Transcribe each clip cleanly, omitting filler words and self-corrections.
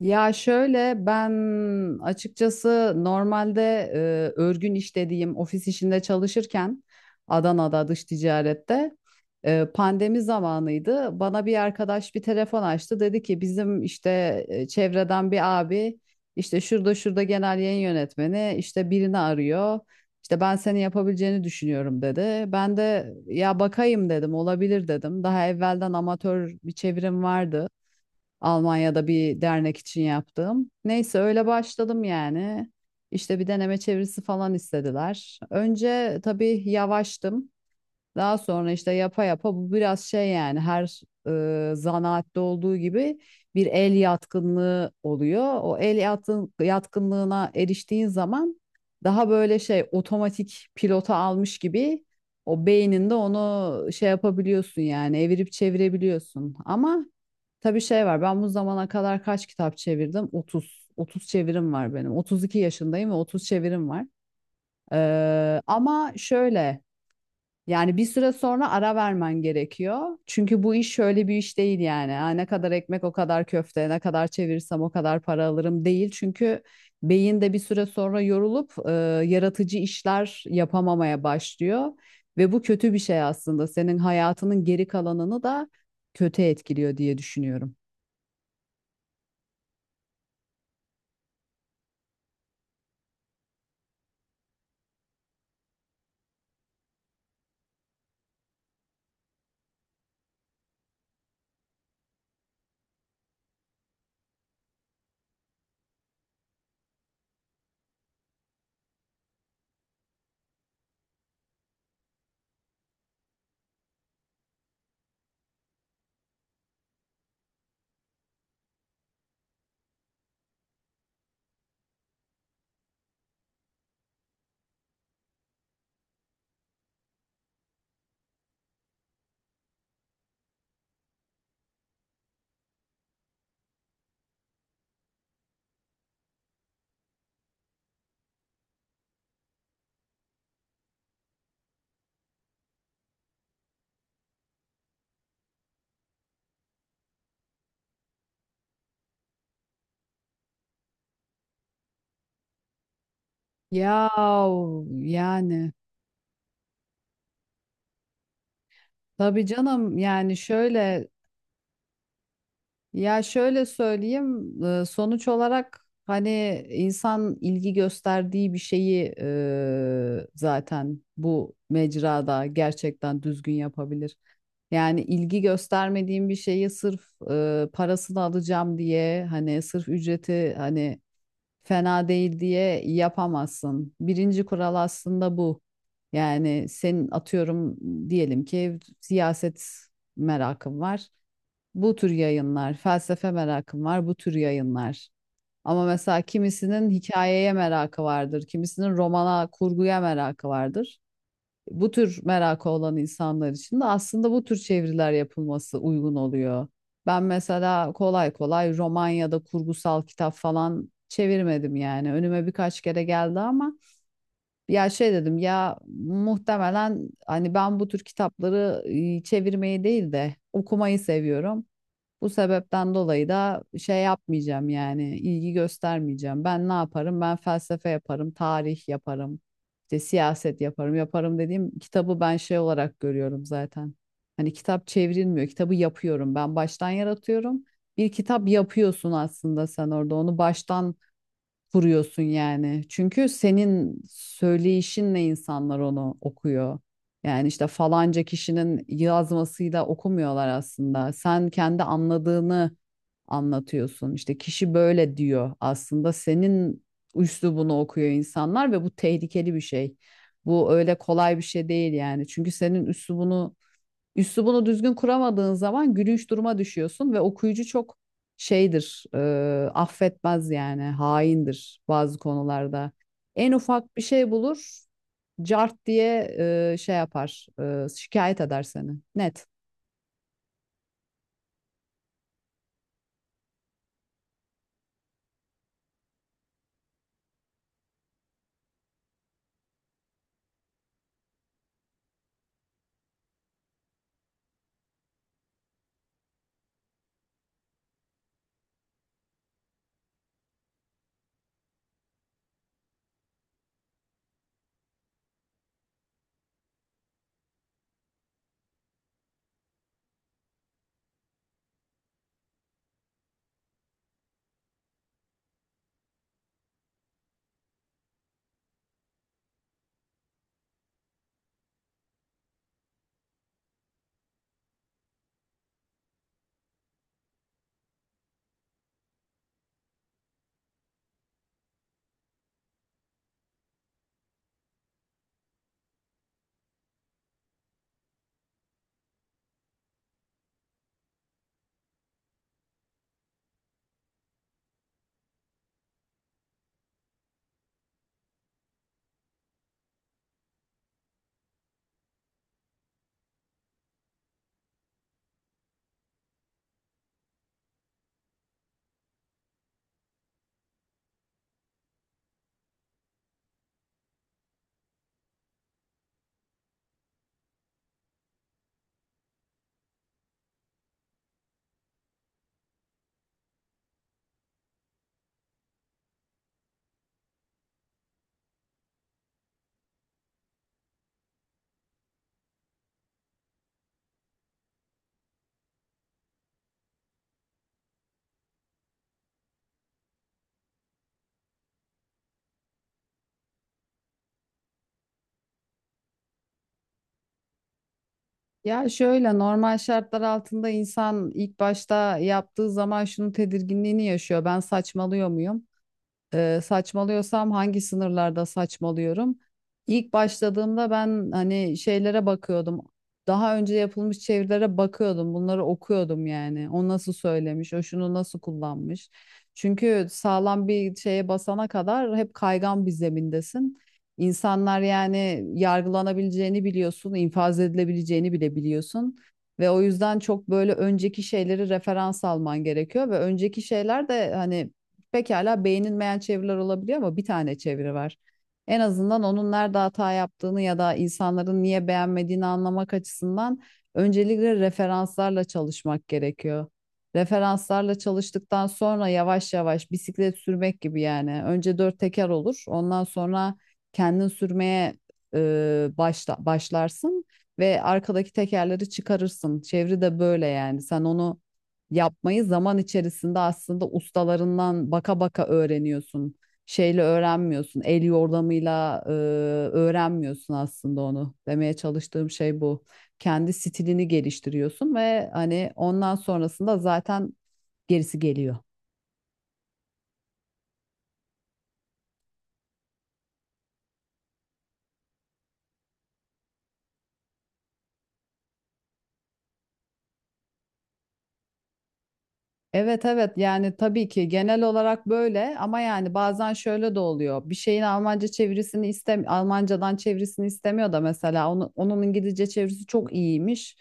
Ya şöyle ben açıkçası normalde e, örgün iş dediğim ofis işinde çalışırken Adana'da dış ticarette pandemi zamanıydı. Bana bir arkadaş bir telefon açtı. Dedi ki bizim işte çevreden bir abi işte şurada şurada genel yayın yönetmeni işte birini arıyor. İşte ben senin yapabileceğini düşünüyorum dedi. Ben de ya bakayım dedim, olabilir dedim. Daha evvelden amatör bir çevirim vardı, Almanya'da bir dernek için yaptığım. Neyse, öyle başladım yani. İşte bir deneme çevirisi falan istediler. Önce tabii yavaştım. Daha sonra işte yapa yapa bu biraz şey yani, her zanaatte olduğu gibi bir el yatkınlığı oluyor. O el yatkınlığına eriştiğin zaman daha böyle şey, otomatik pilota almış gibi o beyninde onu şey yapabiliyorsun yani, evirip çevirebiliyorsun. Ama tabii şey var. Ben bu zamana kadar kaç kitap çevirdim? 30. 30 çevirim var benim. 32 yaşındayım ve 30 çevirim var. Ama şöyle yani, bir süre sonra ara vermen gerekiyor. Çünkü bu iş şöyle bir iş değil yani. Ha, ne kadar ekmek o kadar köfte, ne kadar çevirirsem o kadar para alırım değil. Çünkü beyin de bir süre sonra yorulup yaratıcı işler yapamamaya başlıyor. Ve bu kötü bir şey aslında. Senin hayatının geri kalanını da kötü etkiliyor diye düşünüyorum. Ya yani tabii canım, yani şöyle, ya şöyle söyleyeyim, sonuç olarak hani insan ilgi gösterdiği bir şeyi zaten bu mecrada gerçekten düzgün yapabilir. Yani ilgi göstermediğim bir şeyi sırf parasını alacağım diye, hani sırf ücreti hani fena değil diye yapamazsın. Birinci kural aslında bu. Yani senin, atıyorum, diyelim ki siyaset merakın var, bu tür yayınlar; felsefe merakın var, bu tür yayınlar. Ama mesela kimisinin hikayeye merakı vardır, kimisinin romana, kurguya merakı vardır. Bu tür merakı olan insanlar için de aslında bu tür çeviriler yapılması uygun oluyor. Ben mesela kolay kolay roman ya da kurgusal kitap falan çevirmedim yani. Önüme birkaç kere geldi ama ya şey dedim ya, muhtemelen hani ben bu tür kitapları çevirmeyi değil de okumayı seviyorum. Bu sebepten dolayı da şey yapmayacağım yani, ilgi göstermeyeceğim. Ben ne yaparım? Ben felsefe yaparım, tarih yaparım, işte siyaset yaparım. Yaparım dediğim, kitabı ben şey olarak görüyorum zaten. Hani kitap çevrilmiyor, kitabı yapıyorum. Ben baştan yaratıyorum. Bir kitap yapıyorsun aslında sen orada. Onu baştan kuruyorsun yani. Çünkü senin söyleyişinle insanlar onu okuyor. Yani işte falanca kişinin yazmasıyla okumuyorlar aslında. Sen kendi anladığını anlatıyorsun. İşte kişi böyle diyor aslında. Senin üslubunu okuyor insanlar ve bu tehlikeli bir şey. Bu öyle kolay bir şey değil yani. Çünkü senin üslubunu düzgün kuramadığın zaman gülünç duruma düşüyorsun ve okuyucu çok şeydir, affetmez yani, haindir bazı konularda. En ufak bir şey bulur, cart diye şey yapar, şikayet eder seni. Net. Ya şöyle, normal şartlar altında insan ilk başta yaptığı zaman şunun tedirginliğini yaşıyor: ben saçmalıyor muyum? Saçmalıyorsam hangi sınırlarda saçmalıyorum? İlk başladığımda ben hani şeylere bakıyordum. Daha önce yapılmış çevirilere bakıyordum. Bunları okuyordum yani. O nasıl söylemiş, o şunu nasıl kullanmış. Çünkü sağlam bir şeye basana kadar hep kaygan bir zemindesin. İnsanlar, yani yargılanabileceğini biliyorsun, infaz edilebileceğini bile biliyorsun. Ve o yüzden çok böyle önceki şeyleri referans alman gerekiyor ve önceki şeyler de hani pekala beğenilmeyen çeviriler olabiliyor ama bir tane çeviri var. En azından onun nerede hata yaptığını ya da insanların niye beğenmediğini anlamak açısından öncelikle referanslarla çalışmak gerekiyor. Referanslarla çalıştıktan sonra yavaş yavaş, bisiklet sürmek gibi yani. Önce dört teker olur, ondan sonra kendin sürmeye başlarsın ve arkadaki tekerleri çıkarırsın. Çeviri de böyle yani. Sen onu yapmayı zaman içerisinde aslında ustalarından baka baka öğreniyorsun. Şeyle öğrenmiyorsun, el yordamıyla öğrenmiyorsun aslında onu. Demeye çalıştığım şey bu. Kendi stilini geliştiriyorsun ve hani ondan sonrasında zaten gerisi geliyor. Evet evet, yani tabii ki genel olarak böyle ama yani bazen şöyle de oluyor. Bir şeyin Almancadan çevirisini istemiyor da mesela, onu, onun İngilizce çevirisi çok iyiymiş.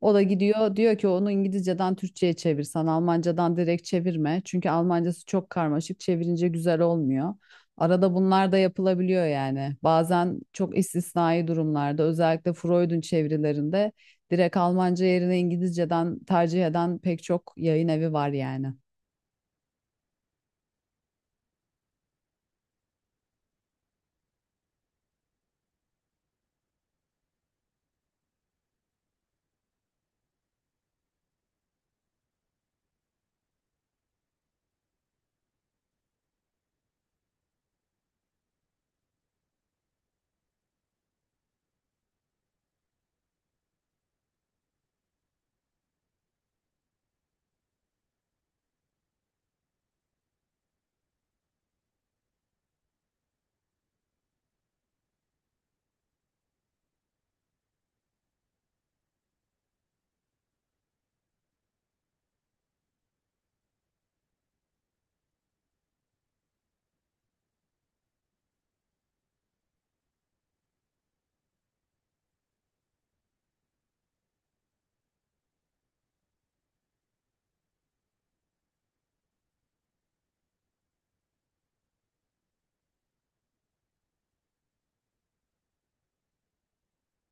O da gidiyor, diyor ki onu İngilizceden Türkçe'ye çevirsen, Almancadan direkt çevirme. Çünkü Almancası çok karmaşık, çevirince güzel olmuyor. Arada bunlar da yapılabiliyor yani. Bazen çok istisnai durumlarda, özellikle Freud'un çevirilerinde, direkt Almanca yerine İngilizceden tercih eden pek çok yayın evi var yani.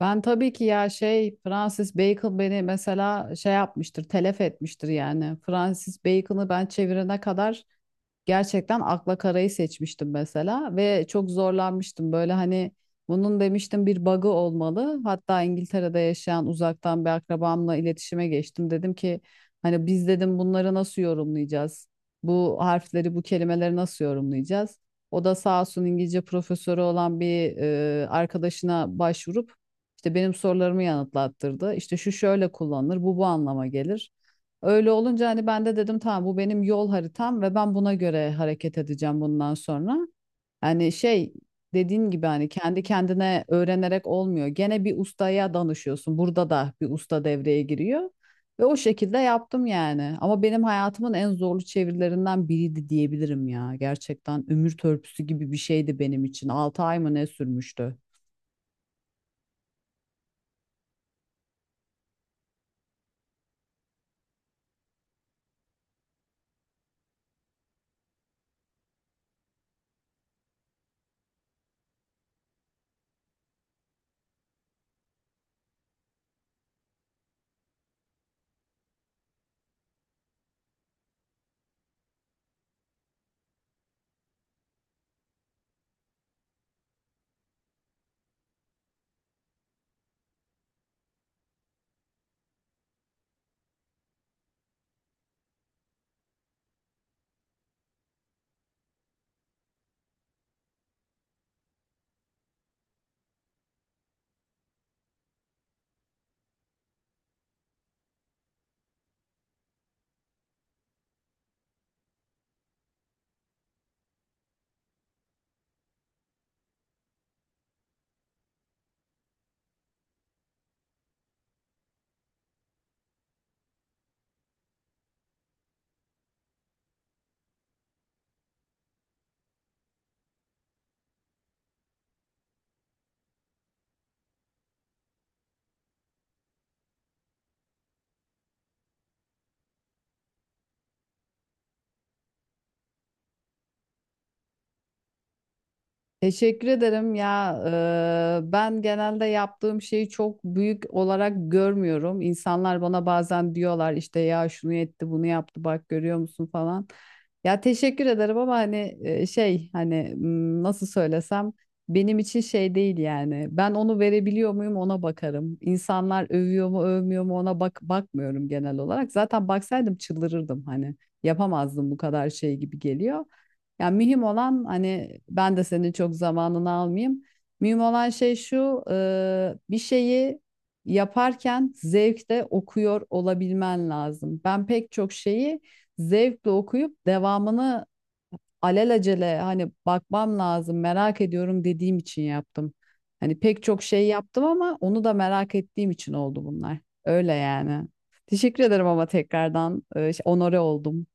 Ben tabii ki, ya şey, Francis Bacon beni mesela şey yapmıştır, telef etmiştir yani. Francis Bacon'ı ben çevirene kadar gerçekten akla karayı seçmiştim mesela ve çok zorlanmıştım. Böyle hani, bunun demiştim bir bug'ı olmalı. Hatta İngiltere'de yaşayan uzaktan bir akrabamla iletişime geçtim. Dedim ki hani, biz dedim bunları nasıl yorumlayacağız? Bu harfleri, bu kelimeleri nasıl yorumlayacağız? O da sağ olsun, İngilizce profesörü olan bir arkadaşına başvurup işte benim sorularımı yanıtlattırdı. İşte şu şöyle kullanılır, bu bu anlama gelir. Öyle olunca hani ben de dedim, tamam bu benim yol haritam ve ben buna göre hareket edeceğim bundan sonra. Hani şey, dediğin gibi, hani kendi kendine öğrenerek olmuyor. Gene bir ustaya danışıyorsun. Burada da bir usta devreye giriyor. Ve o şekilde yaptım yani. Ama benim hayatımın en zorlu çevirilerinden biriydi diyebilirim ya. Gerçekten ömür törpüsü gibi bir şeydi benim için. 6 ay mı ne sürmüştü? Teşekkür ederim ya. Ben genelde yaptığım şeyi çok büyük olarak görmüyorum. İnsanlar bana bazen diyorlar işte, ya şunu etti, bunu yaptı, bak görüyor musun falan. Ya teşekkür ederim ama hani şey, hani nasıl söylesem, benim için şey değil yani. Ben onu verebiliyor muyum, ona bakarım. İnsanlar övüyor mu, övmüyor mu, ona bakmıyorum genel olarak. Zaten baksaydım çıldırırdım hani. Yapamazdım, bu kadar şey gibi geliyor. Yani mühim olan, hani ben de senin çok zamanını almayayım. Mühim olan şey şu: bir şeyi yaparken zevkle okuyor olabilmen lazım. Ben pek çok şeyi zevkle okuyup, devamını alelacele hani bakmam lazım, merak ediyorum dediğim için yaptım. Hani pek çok şey yaptım ama onu da merak ettiğim için oldu bunlar. Öyle yani. Teşekkür ederim ama tekrardan, onore oldum.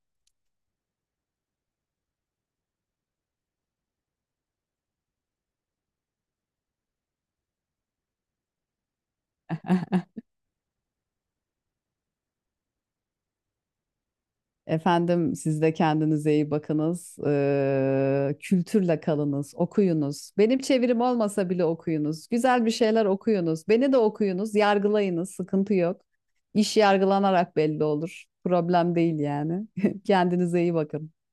Efendim, siz de kendinize iyi bakınız. Kültürle kalınız, okuyunuz. Benim çevirim olmasa bile okuyunuz. Güzel bir şeyler okuyunuz. Beni de okuyunuz, yargılayınız, sıkıntı yok. İş yargılanarak belli olur. Problem değil yani. Kendinize iyi bakın.